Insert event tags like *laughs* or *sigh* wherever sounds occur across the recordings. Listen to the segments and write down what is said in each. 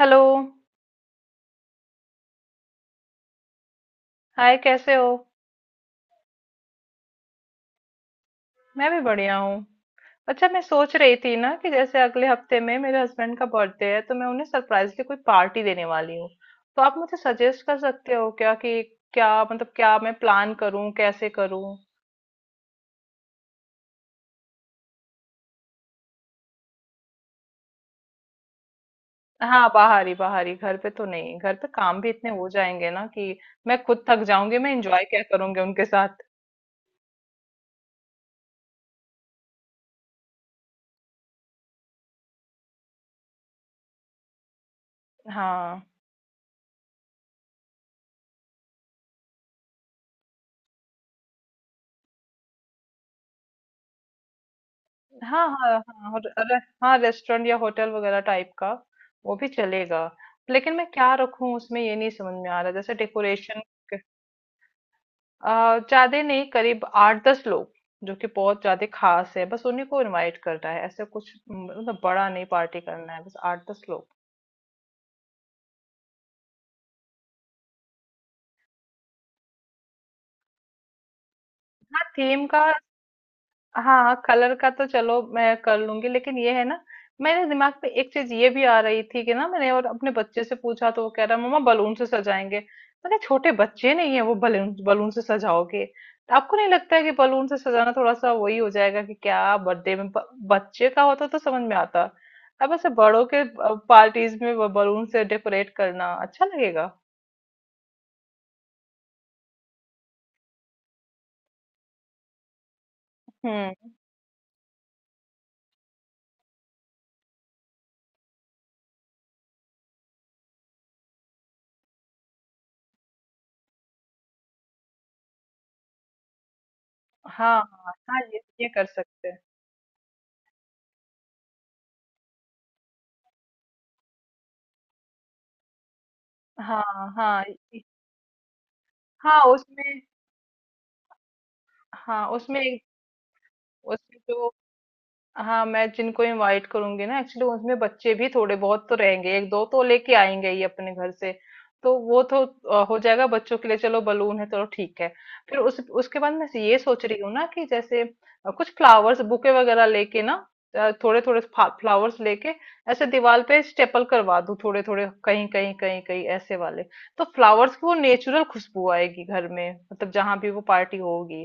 Hello. Hi, कैसे हो? मैं भी बढ़िया हूँ। अच्छा, मैं सोच रही थी ना कि जैसे अगले हफ्ते में मेरे हस्बैंड का बर्थडे है तो मैं उन्हें सरप्राइजली कोई पार्टी देने वाली हूँ। तो आप मुझे सजेस्ट कर सकते हो क्या कि क्या, मतलब क्या मैं प्लान करूँ, कैसे करूँ? हाँ, बाहर ही बाहर ही, घर पे तो नहीं। घर पे काम भी इतने हो जाएंगे ना कि मैं खुद थक जाऊंगी, मैं एंजॉय क्या करूंगी उनके साथ। हाँ हाँ, हाँ, हाँ, और अरे हाँ, रेस्टोरेंट या होटल वगैरह टाइप का वो भी चलेगा। लेकिन मैं क्या रखूं उसमें ये नहीं समझ में आ रहा, जैसे डेकोरेशन। ज्यादा नहीं, करीब आठ दस लोग। जो कि बहुत ज्यादा खास है, बस उन्हीं को इनवाइट करना है, ऐसे कुछ मतलब बड़ा नहीं पार्टी करना है, बस आठ दस लोग। हाँ, थीम का। हाँ हाँ, कलर का तो चलो मैं कर लूंगी लेकिन ये है ना, मेरे दिमाग पे एक चीज ये भी आ रही थी कि ना, मैंने और अपने बच्चे से पूछा तो वो कह रहा मम्मा बलून से सजाएंगे। मैंने, छोटे बच्चे नहीं है वो, बलून बलून से सजाओगे तो आपको नहीं लगता है कि बलून से सजाना थोड़ा सा वही हो जाएगा कि क्या? बर्थडे में बच्चे का होता तो समझ में आता। अब ऐसे बड़ों के पार्टीज में बलून से डेकोरेट करना अच्छा लगेगा? हम्म। हाँ हाँ हाँ, ये कर सकते हैं। हाँ हाँ, इ- हाँ उसमें, हाँ उसमें एक, उसमें जो, हाँ मैं जिनको इनवाइट करूंगी ना एक्चुअली उसमें बच्चे भी थोड़े बहुत तो रहेंगे, एक दो तो लेके आएंगे ही अपने घर से, तो वो तो हो जाएगा। बच्चों के लिए चलो बलून है, चलो ठीक है। फिर उस उसके बाद मैं ये सोच रही हूँ ना कि जैसे कुछ फ्लावर्स बुके वगैरह लेके ना, थोड़े थोड़े फ्लावर्स लेके, ऐसे दीवार पे स्टेपल करवा दूं थोड़े थोड़े कहीं कहीं कहीं कहीं ऐसे वाले, तो फ्लावर्स की वो नेचुरल खुशबू आएगी घर में, मतलब जहां भी वो पार्टी होगी।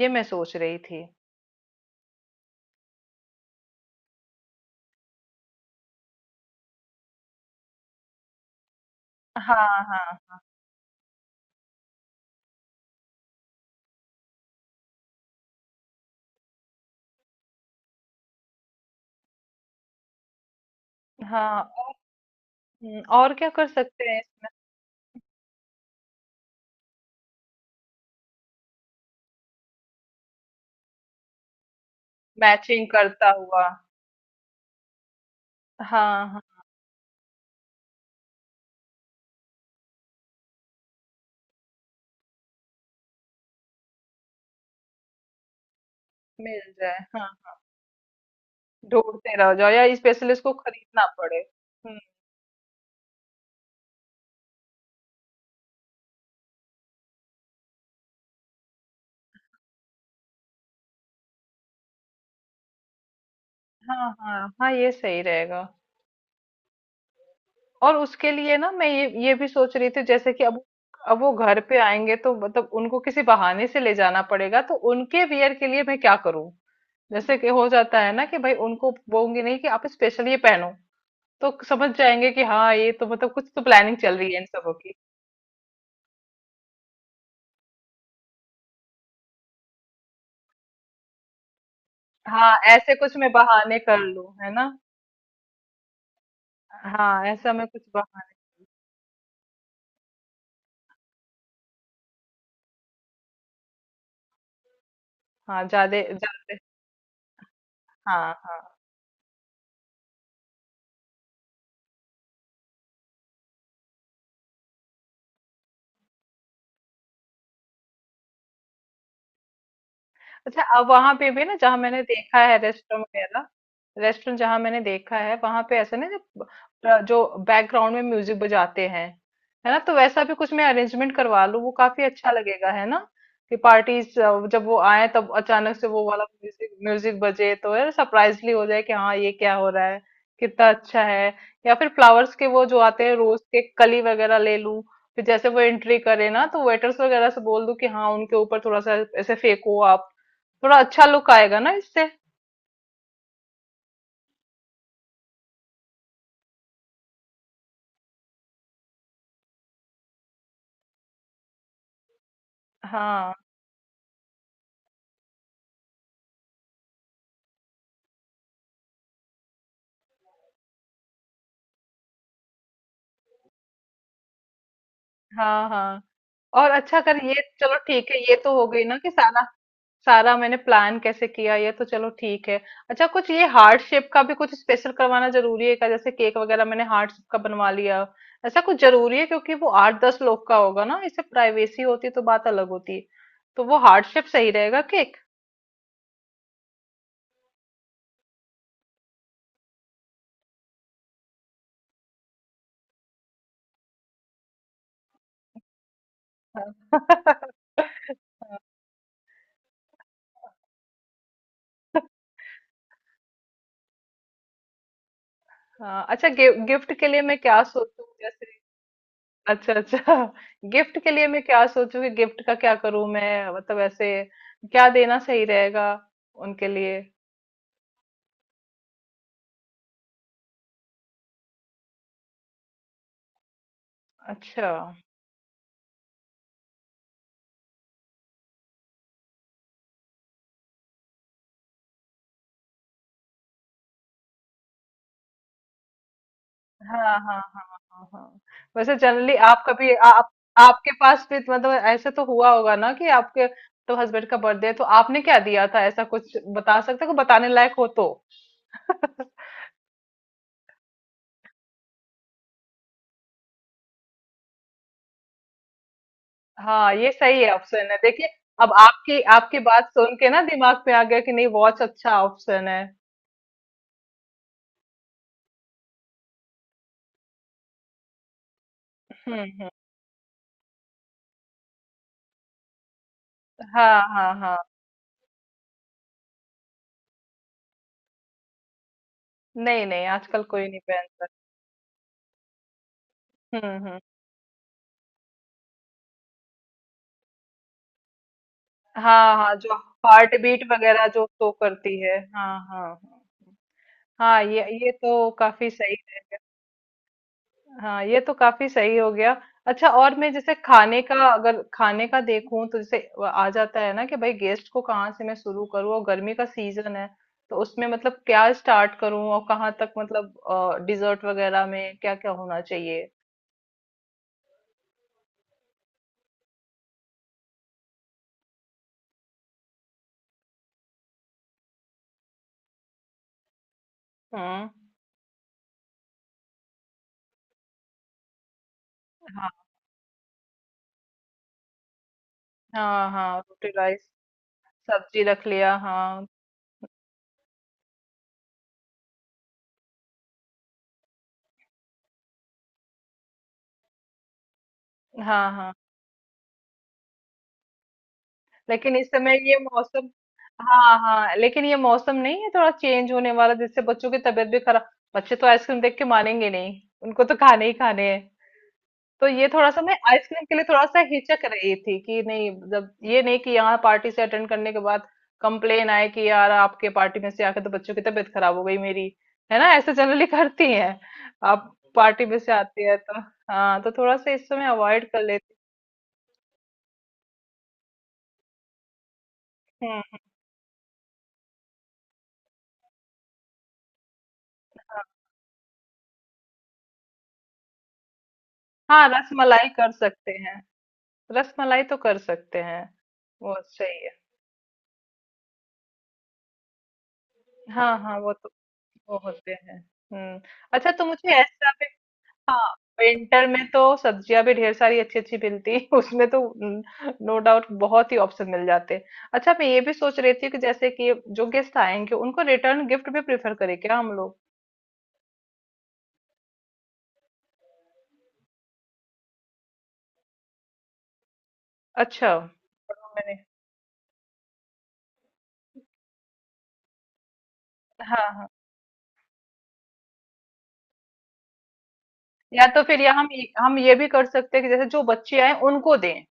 ये मैं सोच रही थी। हाँ हाँ हाँ हाँ, और क्या कर सकते हैं इसमें? मैचिंग करता हुआ, हाँ हाँ। मिल जाए हाँ, ढूंढते रह जाओ या स्पेशली इसको खरीदना पड़े। हम्म। हाँ हाँ हाँ, ये सही रहेगा। और उसके लिए ना मैं ये भी सोच रही थी जैसे कि अब वो घर पे आएंगे तो मतलब उनको किसी बहाने से ले जाना पड़ेगा, तो उनके वियर के लिए मैं क्या करूं? जैसे कि हो जाता है ना कि भाई, उनको बोलूंगी नहीं कि आप स्पेशल ये पहनो तो समझ जाएंगे कि हाँ ये तो मतलब कुछ तो प्लानिंग चल रही है इन सबों। हाँ, ऐसे कुछ मैं बहाने कर लूं है ना। हाँ, ऐसा मैं कुछ बहाने। हाँ ज्यादा ज्यादा, हाँ हाँ। अच्छा, अब वहां पे भी ना, जहाँ मैंने देखा है रेस्टोरेंट वगैरह, रेस्टोरेंट जहाँ मैंने देखा है वहां पे ऐसा ना, जो जो बैकग्राउंड में म्यूजिक बजाते हैं, है ना? तो वैसा भी कुछ मैं अरेंजमेंट करवा लूँ, वो काफी अच्छा लगेगा, है ना? कि पार्टीज, जब वो आए तब अचानक से वो वाला म्यूजिक म्यूजिक बजे तो है, सरप्राइजली हो जाए कि हाँ ये क्या हो रहा है, कितना अच्छा है। या फिर फ्लावर्स के वो जो आते हैं रोज के कली वगैरह ले लूं, फिर जैसे वो एंट्री करे ना तो वेटर्स वगैरह से बोल दूं कि हाँ उनके ऊपर थोड़ा सा ऐसे फेंको आप, थोड़ा अच्छा लुक आएगा ना इससे। हाँ हाँ हाँ, और अच्छा कर ये, चलो ठीक है ये तो हो गई ना कि सारा सारा मैंने प्लान कैसे किया, ये तो चलो ठीक है। अच्छा, कुछ ये हार्ट शेप का भी कुछ स्पेशल करवाना जरूरी है क्या? जैसे केक वगैरह मैंने हार्ट शेप का बनवा लिया, ऐसा कुछ जरूरी है? क्योंकि वो आठ दस लोग का होगा ना, इससे प्राइवेसी होती तो बात अलग होती, तो वो हार्ट शेप सही रहेगा केक। हाँ *laughs* हाँ, अच्छा गिफ्ट के लिए मैं क्या सोचूं जैसे, अच्छा अच्छा, गिफ्ट के लिए मैं क्या सोचूं कि गिफ्ट का क्या करूं मैं? मतलब ऐसे क्या देना सही रहेगा उनके लिए? अच्छा हाँ हाँ हाँ हाँ हाँ, वैसे जनरली आप कभी आप आपके पास भी मतलब ऐसे तो हुआ होगा ना कि आपके तो हस्बैंड का बर्थडे है तो आपने क्या दिया था? ऐसा कुछ बता सकते हो बताने लायक हो तो *laughs* हाँ ये सही है, ऑप्शन है देखिए। अब आपकी आपकी बात सुन के ना दिमाग पे आ गया कि नहीं, वॉच अच्छा ऑप्शन है। हम्म, हाँ हाँ हाँ, नहीं नहीं आजकल कोई नहीं पहनता। हम्म, हाँ हाँ, जो हार्ट बीट वगैरह जो शो करती है। हाँ हाँ हाँ हाँ, ये तो काफी सही रहेगा। हाँ, ये तो काफी सही हो गया। अच्छा, और मैं जैसे खाने का, अगर खाने का देखूं तो जैसे वो आ जाता है ना कि भाई गेस्ट को कहाँ से मैं शुरू करूँ, और गर्मी का सीजन है, तो उसमें मतलब क्या स्टार्ट करूँ और कहाँ तक मतलब डिजर्ट वगैरह में क्या क्या होना चाहिए? हम्म, हाँ हाँ हाँ रोटी राइस, सब्जी रख लिया हाँ। हाँ हाँ लेकिन इस समय ये मौसम, हाँ हाँ, लेकिन ये मौसम नहीं है, थोड़ा चेंज होने वाला जिससे बच्चों की तबीयत भी खराब। बच्चे तो आइसक्रीम देख के मानेंगे नहीं, उनको तो खाने ही खाने हैं। तो ये थोड़ा सा मैं आइसक्रीम के लिए थोड़ा सा हिचक रही थी कि नहीं, जब ये, नहीं कि यहाँ पार्टी से अटेंड करने के बाद कंप्लेन आए कि यार आपके पार्टी में से आके तो बच्चों की तबीयत खराब हो गई मेरी, है ना? ऐसे जनरली *laughs* करती हैं आप, पार्टी में से आती है तो। हाँ तो थोड़ा सा इस समय अवॉइड कर लेती हूँ। हम्म, हाँ हाँ, रस मलाई कर सकते हैं। रसमलाई तो कर सकते हैं, वो सही है। हाँ हाँ, वो तो, वो होते हैं। हम्म। अच्छा, तो मुझे ऐसा भी, हाँ विंटर में तो सब्जियां भी ढेर सारी अच्छी अच्छी मिलती हैं। *laughs* उसमें तो नो डाउट बहुत ही ऑप्शन मिल जाते हैं। अच्छा, मैं ये भी सोच रही थी कि जैसे कि जो गेस्ट आएंगे उनको रिटर्न गिफ्ट भी प्रेफर करें क्या हम लोग? अच्छा पढ़ो मैंने, हाँ हाँ। या तो फिर या हम ये भी कर सकते हैं कि जैसे जो बच्चे आए उनको दें,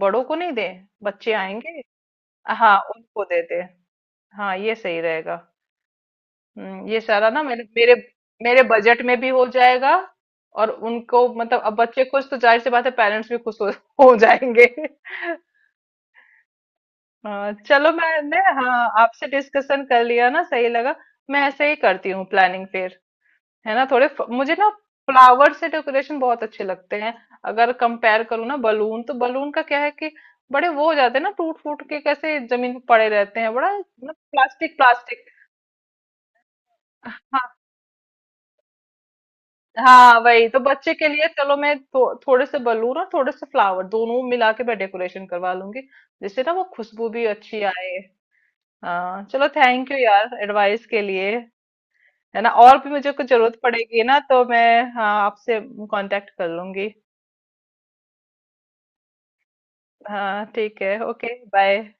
बड़ों को नहीं दें, बच्चे आएंगे हाँ उनको दे दें। हाँ ये सही रहेगा। ये सारा ना मेरे मेरे मेरे बजट में भी हो जाएगा। और उनको मतलब, अब बच्चे खुश तो जाहिर सी बात है, पेरेंट्स भी खुश हो जाएंगे *laughs* हाँ, चलो मैंने हाँ आपसे डिस्कशन कर लिया ना, सही लगा। मैं ऐसे ही करती हूँ प्लानिंग फिर, है ना? थोड़े मुझे ना फ्लावर से डेकोरेशन बहुत अच्छे लगते हैं। अगर कंपेयर करूँ ना बलून, तो बलून का क्या है कि बड़े वो हो जाते हैं ना, टूट फूट के कैसे जमीन पे पड़े रहते हैं, बड़ा प्लास्टिक प्लास्टिक। हाँ वही तो, बच्चे के लिए चलो मैं थोड़े से बलून और थोड़े से फ्लावर दोनों मिला के मैं डेकोरेशन करवा लूंगी, जिससे ना वो खुशबू भी अच्छी आए। हाँ चलो, थैंक यू यार एडवाइस के लिए। है ना? और भी मुझे कुछ जरूरत पड़ेगी ना तो मैं, हाँ आपसे कांटेक्ट कर लूंगी। हाँ ठीक है, ओके बाय।